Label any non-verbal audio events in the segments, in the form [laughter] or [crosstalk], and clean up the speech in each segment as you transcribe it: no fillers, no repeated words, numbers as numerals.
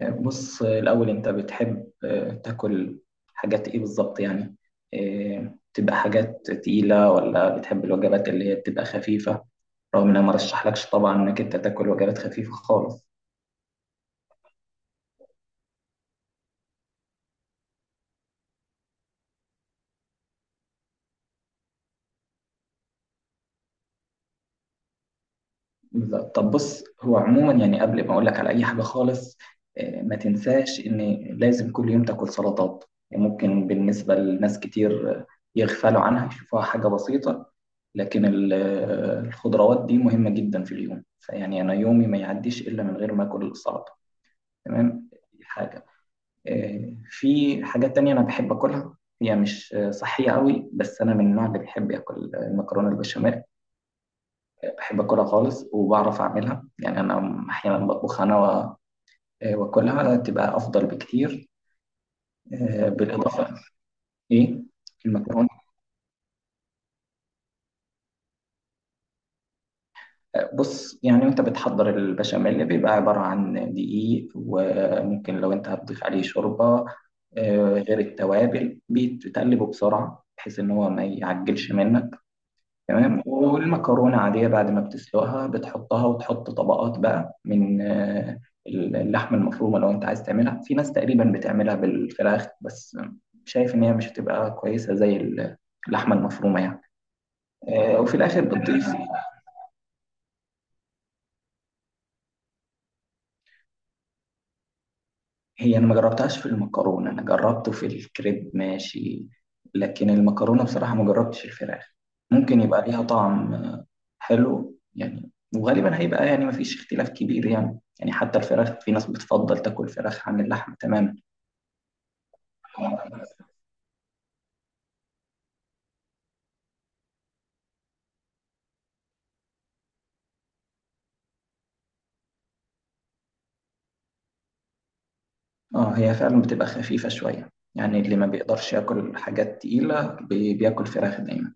بص، الأول أنت بتحب تاكل حاجات إيه بالظبط يعني؟ تبقى حاجات تقيلة ولا بتحب الوجبات اللي هي بتبقى خفيفة؟ رغم إن أنا مرشحلكش طبعا إنك أنت تاكل وجبات خفيفة خالص. بالظبط. طب بص هو عموما يعني قبل ما أقولك على أي حاجة خالص، ما تنساش إن لازم كل يوم تاكل سلطات. يعني ممكن بالنسبة لناس كتير يغفلوا عنها يشوفوها حاجة بسيطة، لكن الخضروات دي مهمة جدا في اليوم، فيعني أنا يومي ما يعديش إلا من غير ما آكل السلطة. تمام، دي حاجة. في حاجات تانية أنا بحب آكلها، هي مش صحية قوي، بس أنا من النوع اللي بيحب ياكل المكرونة البشاميل. بحب آكلها خالص، وبعرف أعملها، يعني أنا أحيانا بطبخها أنا وآكلها، تبقى أفضل بكتير. بالإضافة. إيه المكرونة؟ بص، يعني وانت بتحضر البشاميل بيبقى عبارة عن دقيق، وممكن لو انت هتضيف عليه شوربة غير التوابل، بتقلبه بسرعة بحيث ان هو ما يعجلش منك. تمام، والمكرونة عادية بعد ما بتسلقها بتحطها، وتحط طبقات بقى من اللحمة المفرومة. لو انت عايز تعملها، في ناس تقريبا بتعملها بالفراخ بس، شايف ان هي مش هتبقى كويسة زي اللحمة المفرومة يعني. وفي الاخر بتضيف. هي انا ما جربتهاش في المكرونه، انا جربته في الكريب ماشي، لكن المكرونه بصراحه ما جربتش الفراخ. ممكن يبقى ليها طعم حلو يعني، وغالبا هيبقى يعني ما فيش اختلاف كبير، يعني حتى الفراخ في ناس بتفضل تاكل فراخ عن اللحم تماما. اه، هي فعلا بتبقى خفيفه شويه، يعني اللي ما بيقدرش ياكل حاجات تقيله بياكل فراخ دايما.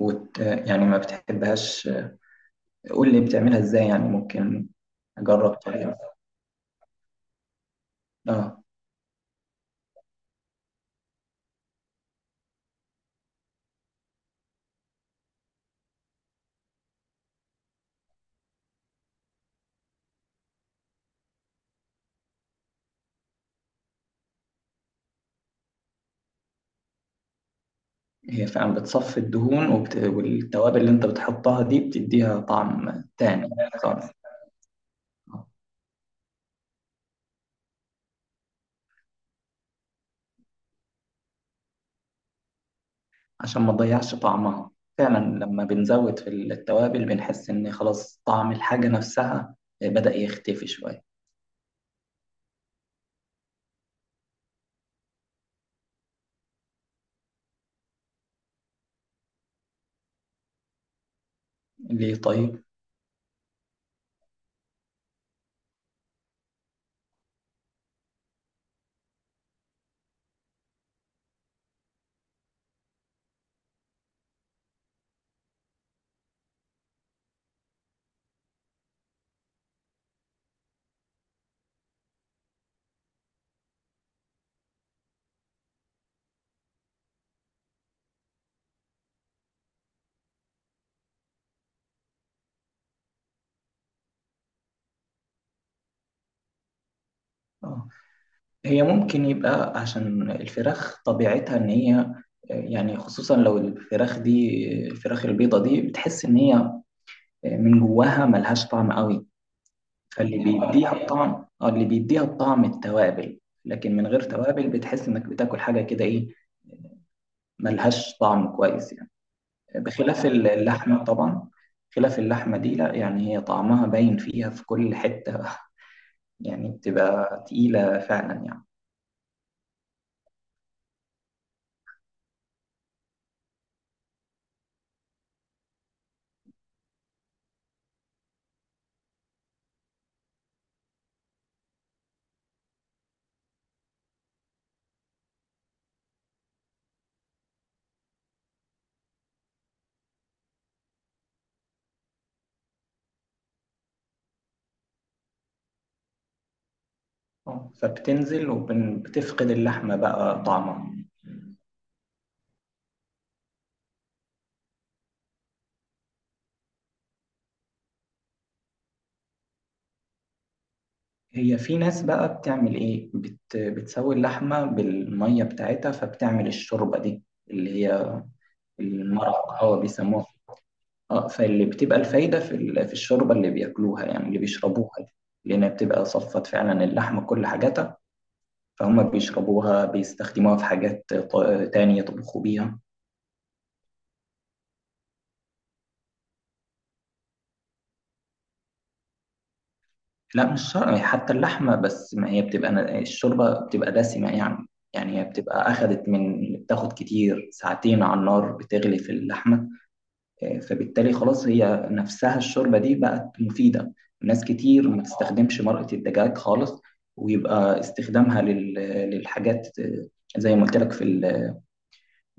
يعني ما بتحبهاش، قول لي بتعملها ازاي، يعني ممكن اجرب طريقه. اه، هي فعلا بتصفي الدهون والتوابل اللي انت بتحطها دي بتديها طعم تاني خالص، عشان ما تضيعش طعمها. فعلا لما بنزود في التوابل بنحس ان خلاص طعم الحاجة نفسها بدأ يختفي شوية. ليه طيب؟ اه، هي ممكن يبقى عشان الفراخ طبيعتها ان هي، يعني خصوصا لو الفراخ دي، الفراخ البيضة دي بتحس ان هي من جواها ملهاش طعم قوي. فاللي بيديها الطعم اه اللي بيديها الطعم التوابل، لكن من غير توابل بتحس انك بتاكل حاجه كده، ايه ملهاش طعم كويس يعني. بخلاف اللحمه طبعا، خلاف اللحمه دي لا، يعني هي طعمها باين فيها في كل حته [laughs] يعني بتبقى تقيله فعلا يعني. فبتنزل وبتفقد اللحمه بقى طعمها. هي في ناس بقى بتعمل بتسوي اللحمه بالميه بتاعتها، فبتعمل الشوربه دي اللي هي المرق او بيسموها. اه فاللي بتبقى الفايدة في في الشوربة اللي بياكلوها، يعني اللي بيشربوها دي، لأنها بتبقى صفت فعلا اللحمة كل حاجاتها، فهم بيشربوها بيستخدموها في حاجات تانية يطبخوا بيها. لا مش شرط حتى اللحمة بس، ما هي بتبقى الشوربة بتبقى دسمة يعني. يعني هي بتبقى أخدت من بتاخد كتير، ساعتين على النار بتغلي في اللحمة، فبالتالي خلاص هي نفسها الشوربة دي بقت مفيدة. ناس كتير ما تستخدمش مرقة الدجاج خالص، ويبقى استخدامها للحاجات، زي ما قلت لك في ال-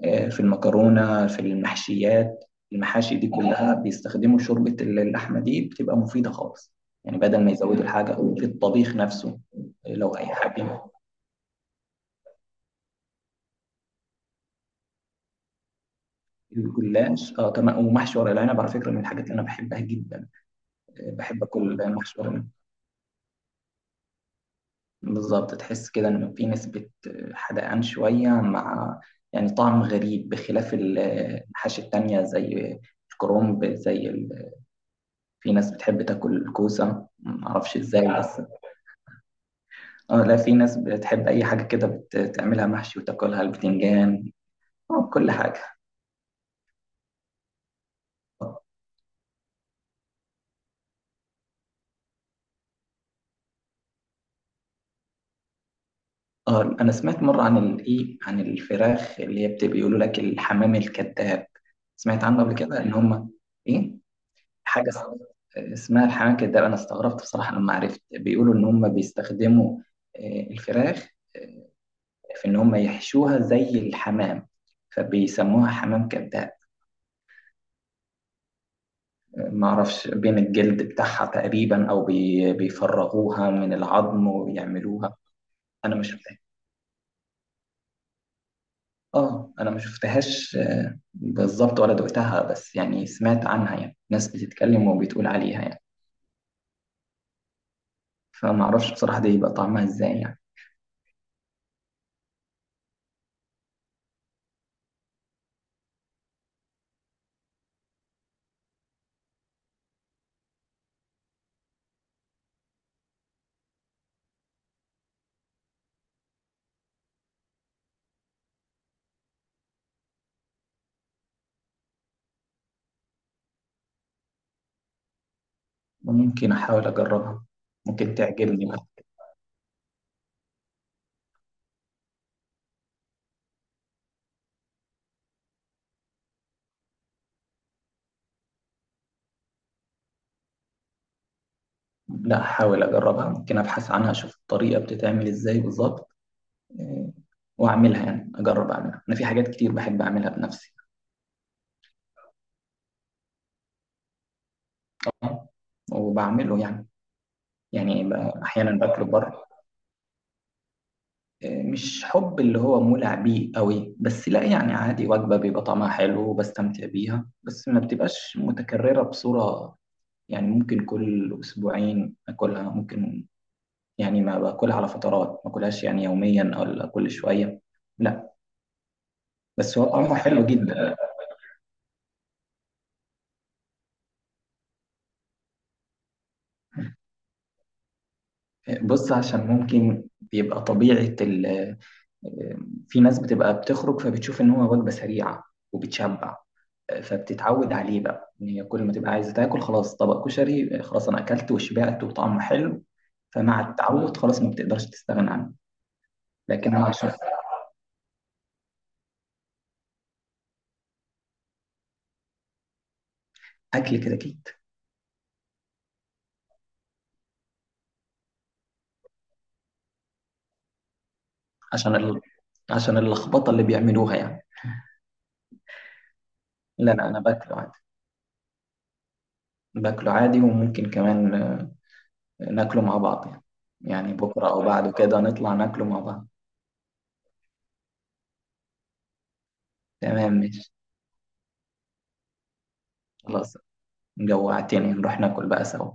آه، في المكرونة، في المحشيات. المحاشي دي كلها بيستخدموا شوربة اللحمة، دي بتبقى مفيدة خالص، يعني بدل ما يزودوا الحاجة في الطبيخ نفسه. لو هيحبي الجلاش، كمان ومحشي ورق العنب على فكرة من الحاجات اللي أنا بحبها جدا. بحب أكل محشي ورق العنب، بالظبط تحس كده إن في نسبة حدقان شوية، مع يعني طعم غريب بخلاف المحاشي التانية زي الكرنب، في ناس بتحب تاكل الكوسة معرفش ازاي، بس اه، لا في ناس بتحب أي حاجة كده بتعملها محشي وتاكلها، البتنجان، كل حاجة. اه، انا سمعت مره عن عن الفراخ اللي هي بيقولوا لك الحمام الكذاب، سمعت عنه قبل كده ان هم، ايه حاجه اسمها الحنكه. ده انا استغربت بصراحه لما عرفت بيقولوا ان هم بيستخدموا الفراخ في ان هم يحشوها زي الحمام، فبيسموها حمام كذاب. ما اعرفش، بين الجلد بتاعها تقريبا، او بيفرغوها من العظم ويعملوها. انا ما شفتها اه انا ما شفتهاش بالظبط ولا دقتها، بس يعني سمعت عنها، يعني ناس بتتكلم وبتقول عليها يعني، فما اعرفش بصراحه دي يبقى طعمها ازاي يعني. وممكن احاول اجربها، ممكن تعجبني. لا هحاول أجربها، ممكن أبحث عنها أشوف الطريقة بتتعمل إزاي بالظبط. آه، وأعملها، يعني أجرب أعملها أنا، في حاجات كتير بحب أعملها بنفسي، وبعمله يعني أحيانا باكله بره، مش حب اللي هو مولع بيه قوي، بس لا يعني عادي، وجبة بيبقى طعمها حلو وبستمتع بيها، بس ما بتبقاش متكررة بصورة، يعني ممكن كل أسبوعين أكلها، ممكن يعني ما باكلها على فترات، ما أكلهاش يعني يوميا أو كل شوية، لا. بس هو طعمه حلو جدا. بص عشان ممكن بيبقى طبيعة ال آه، في ناس بتبقى بتخرج فبتشوف إن هو وجبة سريعة، وبتشبع، فبتتعود عليه بقى إن هي كل ما تبقى عايزة تاكل خلاص طبق كشري، خلاص أنا أكلت وشبعت وطعمه حلو، فمع التعود خلاص ما بتقدرش تستغنى عنه. لكن هو عشان أكل كده أكيد، عشان ال... عشان اللخبطة اللي بيعملوها يعني. لا لا، أنا باكله عادي، باكله عادي، وممكن كمان ناكله مع بعض يعني، يعني بكرة أو بعده كده نطلع ناكله مع بعض. تمام ماشي، خلاص جوعتني نروح ناكل بقى سوا.